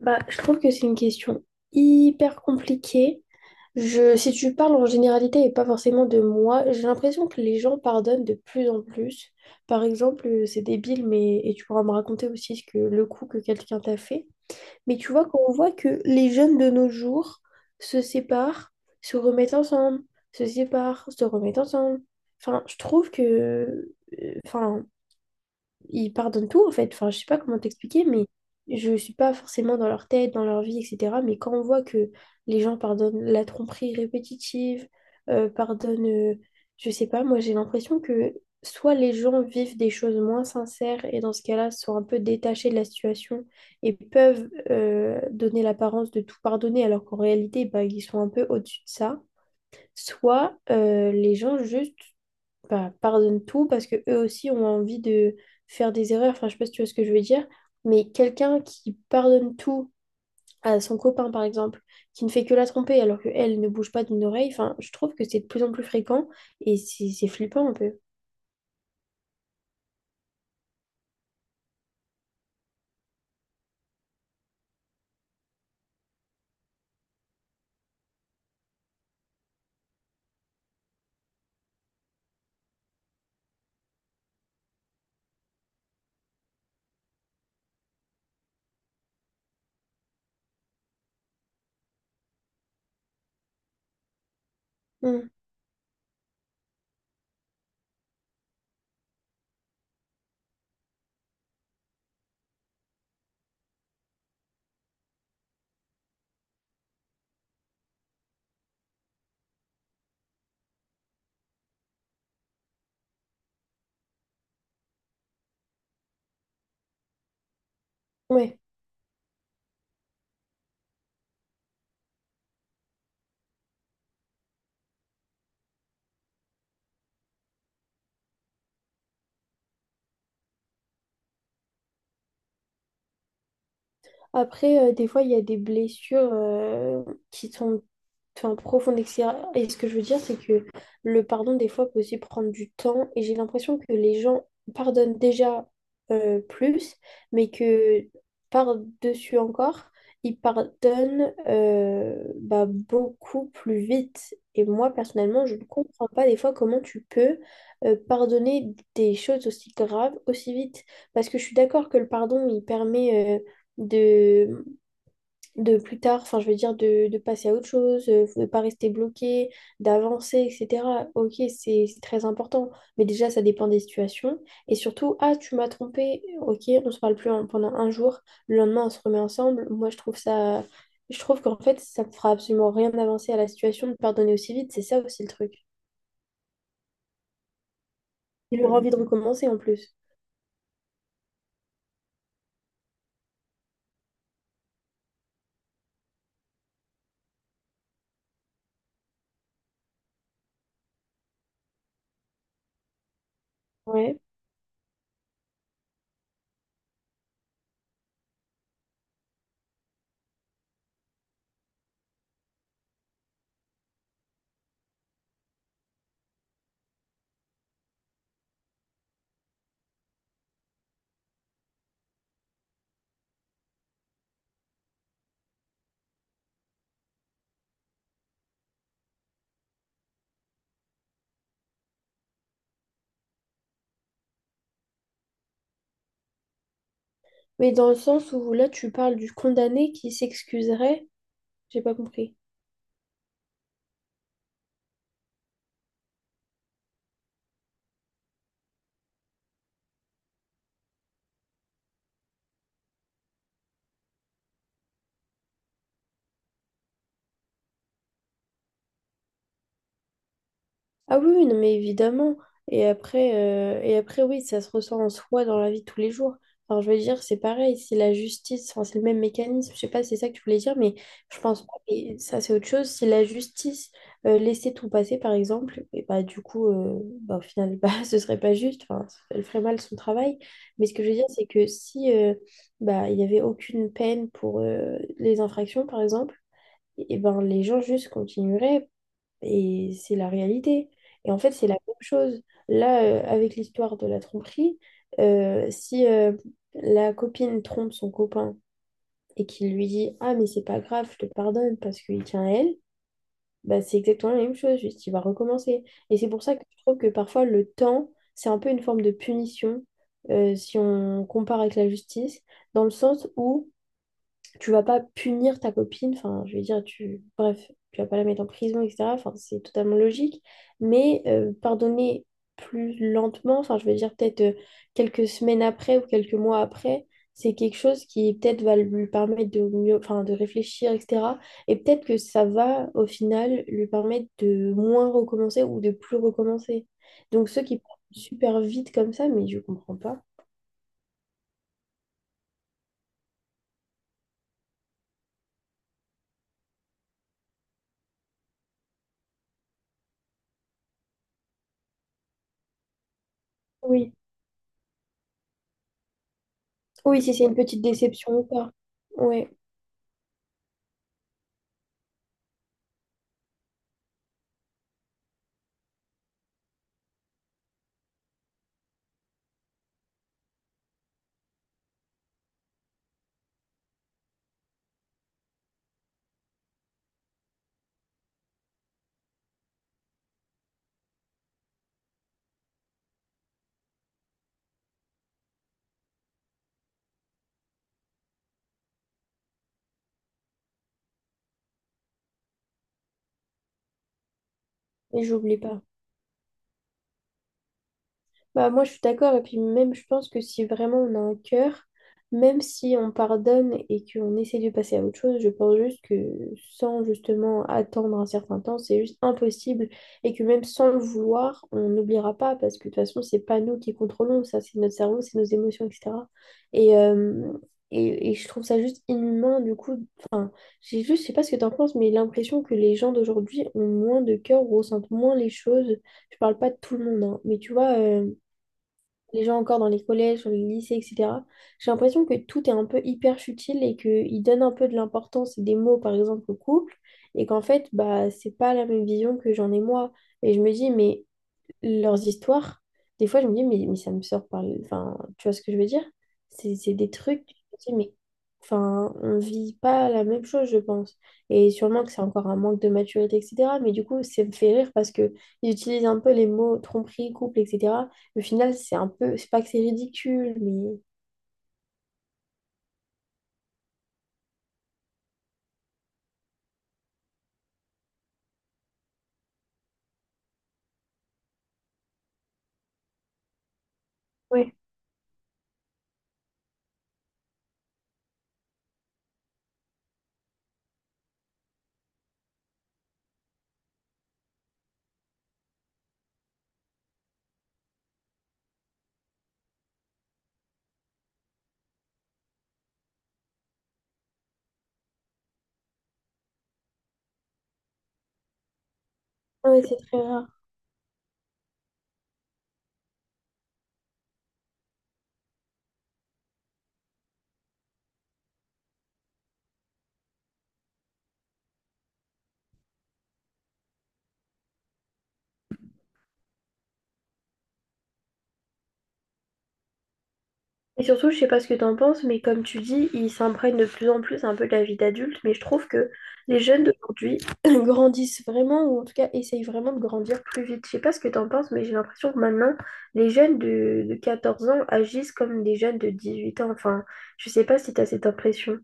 Bah, je trouve que c'est une question hyper compliquée. Si tu parles en généralité et pas forcément de moi, j'ai l'impression que les gens pardonnent de plus en plus. Par exemple, c'est débile, mais et tu pourras me raconter aussi ce que le coup que quelqu'un t'a fait. Mais tu vois, quand on voit que les jeunes de nos jours se séparent, se remettent ensemble, se séparent, se remettent ensemble. Enfin, je trouve que, enfin, ils pardonnent tout en fait. Enfin, je sais pas comment t'expliquer, mais je suis pas forcément dans leur tête, dans leur vie, etc. Mais quand on voit que les gens pardonnent la tromperie répétitive, pardonnent, je sais pas, moi j'ai l'impression que soit les gens vivent des choses moins sincères et dans ce cas-là sont un peu détachés de la situation et peuvent donner l'apparence de tout pardonner alors qu'en réalité, bah, ils sont un peu au-dessus de ça. Soit les gens juste bah, pardonnent tout parce que eux aussi ont envie de faire des erreurs. Enfin, je sais pas si tu vois ce que je veux dire, mais quelqu'un qui pardonne tout à son copain, par exemple, qui ne fait que la tromper alors qu'elle ne bouge pas d'une oreille, enfin, je trouve que c'est de plus en plus fréquent et c'est flippant un peu. Hmm. Ouais. Après, des fois, il y a des blessures qui sont enfin, profondes, etc. Et ce que je veux dire, c'est que le pardon, des fois, peut aussi prendre du temps. Et j'ai l'impression que les gens pardonnent déjà plus, mais que par-dessus encore, ils pardonnent bah, beaucoup plus vite. Et moi, personnellement, je ne comprends pas des fois comment tu peux pardonner des choses aussi graves aussi vite. Parce que je suis d'accord que le pardon, il permet de, de plus tard, enfin je veux dire de passer à autre chose, de ne pas rester bloqué, d'avancer, etc. Ok, c'est très important, mais déjà ça dépend des situations. Et surtout, ah tu m'as trompé, ok, on se parle plus pendant un jour, le lendemain on se remet ensemble. Moi je trouve ça, je trouve qu'en fait ça ne fera absolument rien d'avancer à la situation de pardonner aussi vite, c'est ça aussi le truc. Il aura envie de recommencer en plus. Ouais. Mais dans le sens où là tu parles du condamné qui s'excuserait, j'ai pas compris. Ah oui, oui, non, mais évidemment. Et après, oui, ça se ressent en soi dans la vie de tous les jours. Alors, je veux dire, c'est pareil, c'est la justice, enfin, c'est le même mécanisme. Je sais pas si c'est ça que tu voulais dire, mais je pense pas. Et ça, c'est autre chose. Si la justice laissait tout passer, par exemple, et bah, du coup, bah, au final, bah, ce serait pas juste. Enfin, elle ferait mal son travail. Mais ce que je veux dire, c'est que si bah, il y avait aucune peine pour les infractions, par exemple, et ben, les gens juste continueraient. Et c'est la réalité. Et en fait, c'est la même chose. Là, avec l'histoire de la tromperie, si la copine trompe son copain et qu'il lui dit, Ah, mais c'est pas grave, je te pardonne parce qu'il tient à elle, bah, c'est exactement la même chose, juste il va recommencer. Et c'est pour ça que je trouve que parfois le temps, c'est un peu une forme de punition si on compare avec la justice, dans le sens où tu vas pas punir ta copine, enfin, je veux dire, tu, bref, tu vas pas la mettre en prison, etc. Enfin, c'est totalement logique, mais pardonner plus lentement, enfin, je veux dire, peut-être quelques semaines après ou quelques mois après, c'est quelque chose qui peut-être va lui permettre de mieux, enfin, de réfléchir, etc. Et peut-être que ça va, au final, lui permettre de moins recommencer ou de plus recommencer. Donc, ceux qui partent super vite comme ça, mais je comprends pas. Oui, oui, si c'est une petite déception ou pas. Ouais, et j'oublie pas. Bah, moi, je suis d'accord. Et puis même, je pense que si vraiment on a un cœur, même si on pardonne et qu'on essaie de passer à autre chose, je pense juste que sans justement attendre un certain temps, c'est juste impossible. Et que même sans le vouloir, on n'oubliera pas parce que de toute façon, c'est pas nous qui contrôlons ça, c'est notre cerveau, c'est nos émotions, etc. Et, euh, et je trouve ça juste inhumain. Du coup, j'ai juste, je sais pas ce que t'en penses, mais l'impression que les gens d'aujourd'hui ont moins de cœur, ressentent moins les choses. Je parle pas de tout le monde, hein, mais tu vois. Les gens encore dans les collèges, dans les lycées, etc. J'ai l'impression que tout est un peu hyper futile et qu'ils donnent un peu de l'importance et des mots, par exemple, au couple, et qu'en fait, bah, c'est pas la même vision que j'en ai moi. Et je me dis, mais leurs histoires, des fois, je me dis, mais ça me sort par le. Enfin, tu vois ce que je veux dire? C'est des trucs, je me dis, mais. Enfin, on vit pas la même chose, je pense. Et sûrement que c'est encore un manque de maturité, etc. Mais du coup, ça me fait rire parce que ils utilisent un peu les mots tromperie, couple, etc. Au final, c'est un peu. C'est pas que c'est ridicule, mais. Ouais. Ah ouais, c'est très rare. Et surtout, je sais pas ce que t'en penses, mais comme tu dis, ils s'imprègnent de plus en plus un peu de la vie d'adulte, mais je trouve que les jeunes d'aujourd'hui grandissent vraiment, ou en tout cas essayent vraiment de grandir plus vite. Je sais pas ce que t'en penses, mais j'ai l'impression que maintenant, les jeunes de 14 ans agissent comme des jeunes de 18 ans. Enfin, je sais pas si t'as cette impression.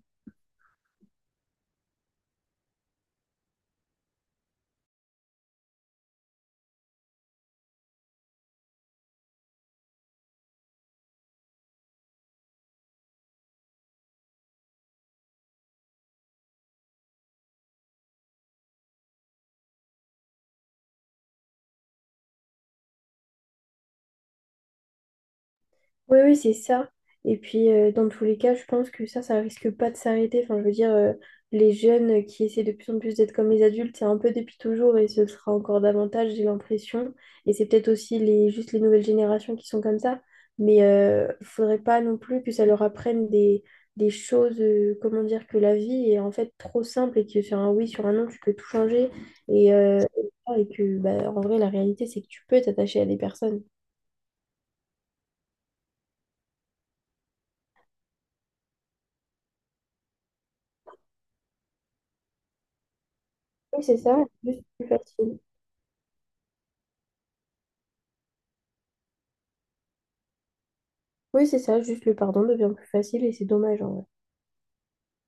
Oui, oui, c'est ça. Et puis, dans tous les cas, je pense que ça risque pas de s'arrêter. Enfin, je veux dire, les jeunes qui essaient de plus en plus d'être comme les adultes, c'est un peu depuis toujours et ce le sera encore davantage, j'ai l'impression. Et c'est peut-être aussi les, juste les nouvelles générations qui sont comme ça. Mais faudrait pas non plus que ça leur apprenne des choses, comment dire, que la vie est en fait trop simple et que sur un oui, sur un non, tu peux tout changer. Et, euh, et que, bah, en vrai, la réalité, c'est que tu peux t'attacher à des personnes. Oui, c'est ça, c'est juste plus facile. Oui, c'est ça, juste le pardon devient plus facile et c'est dommageant.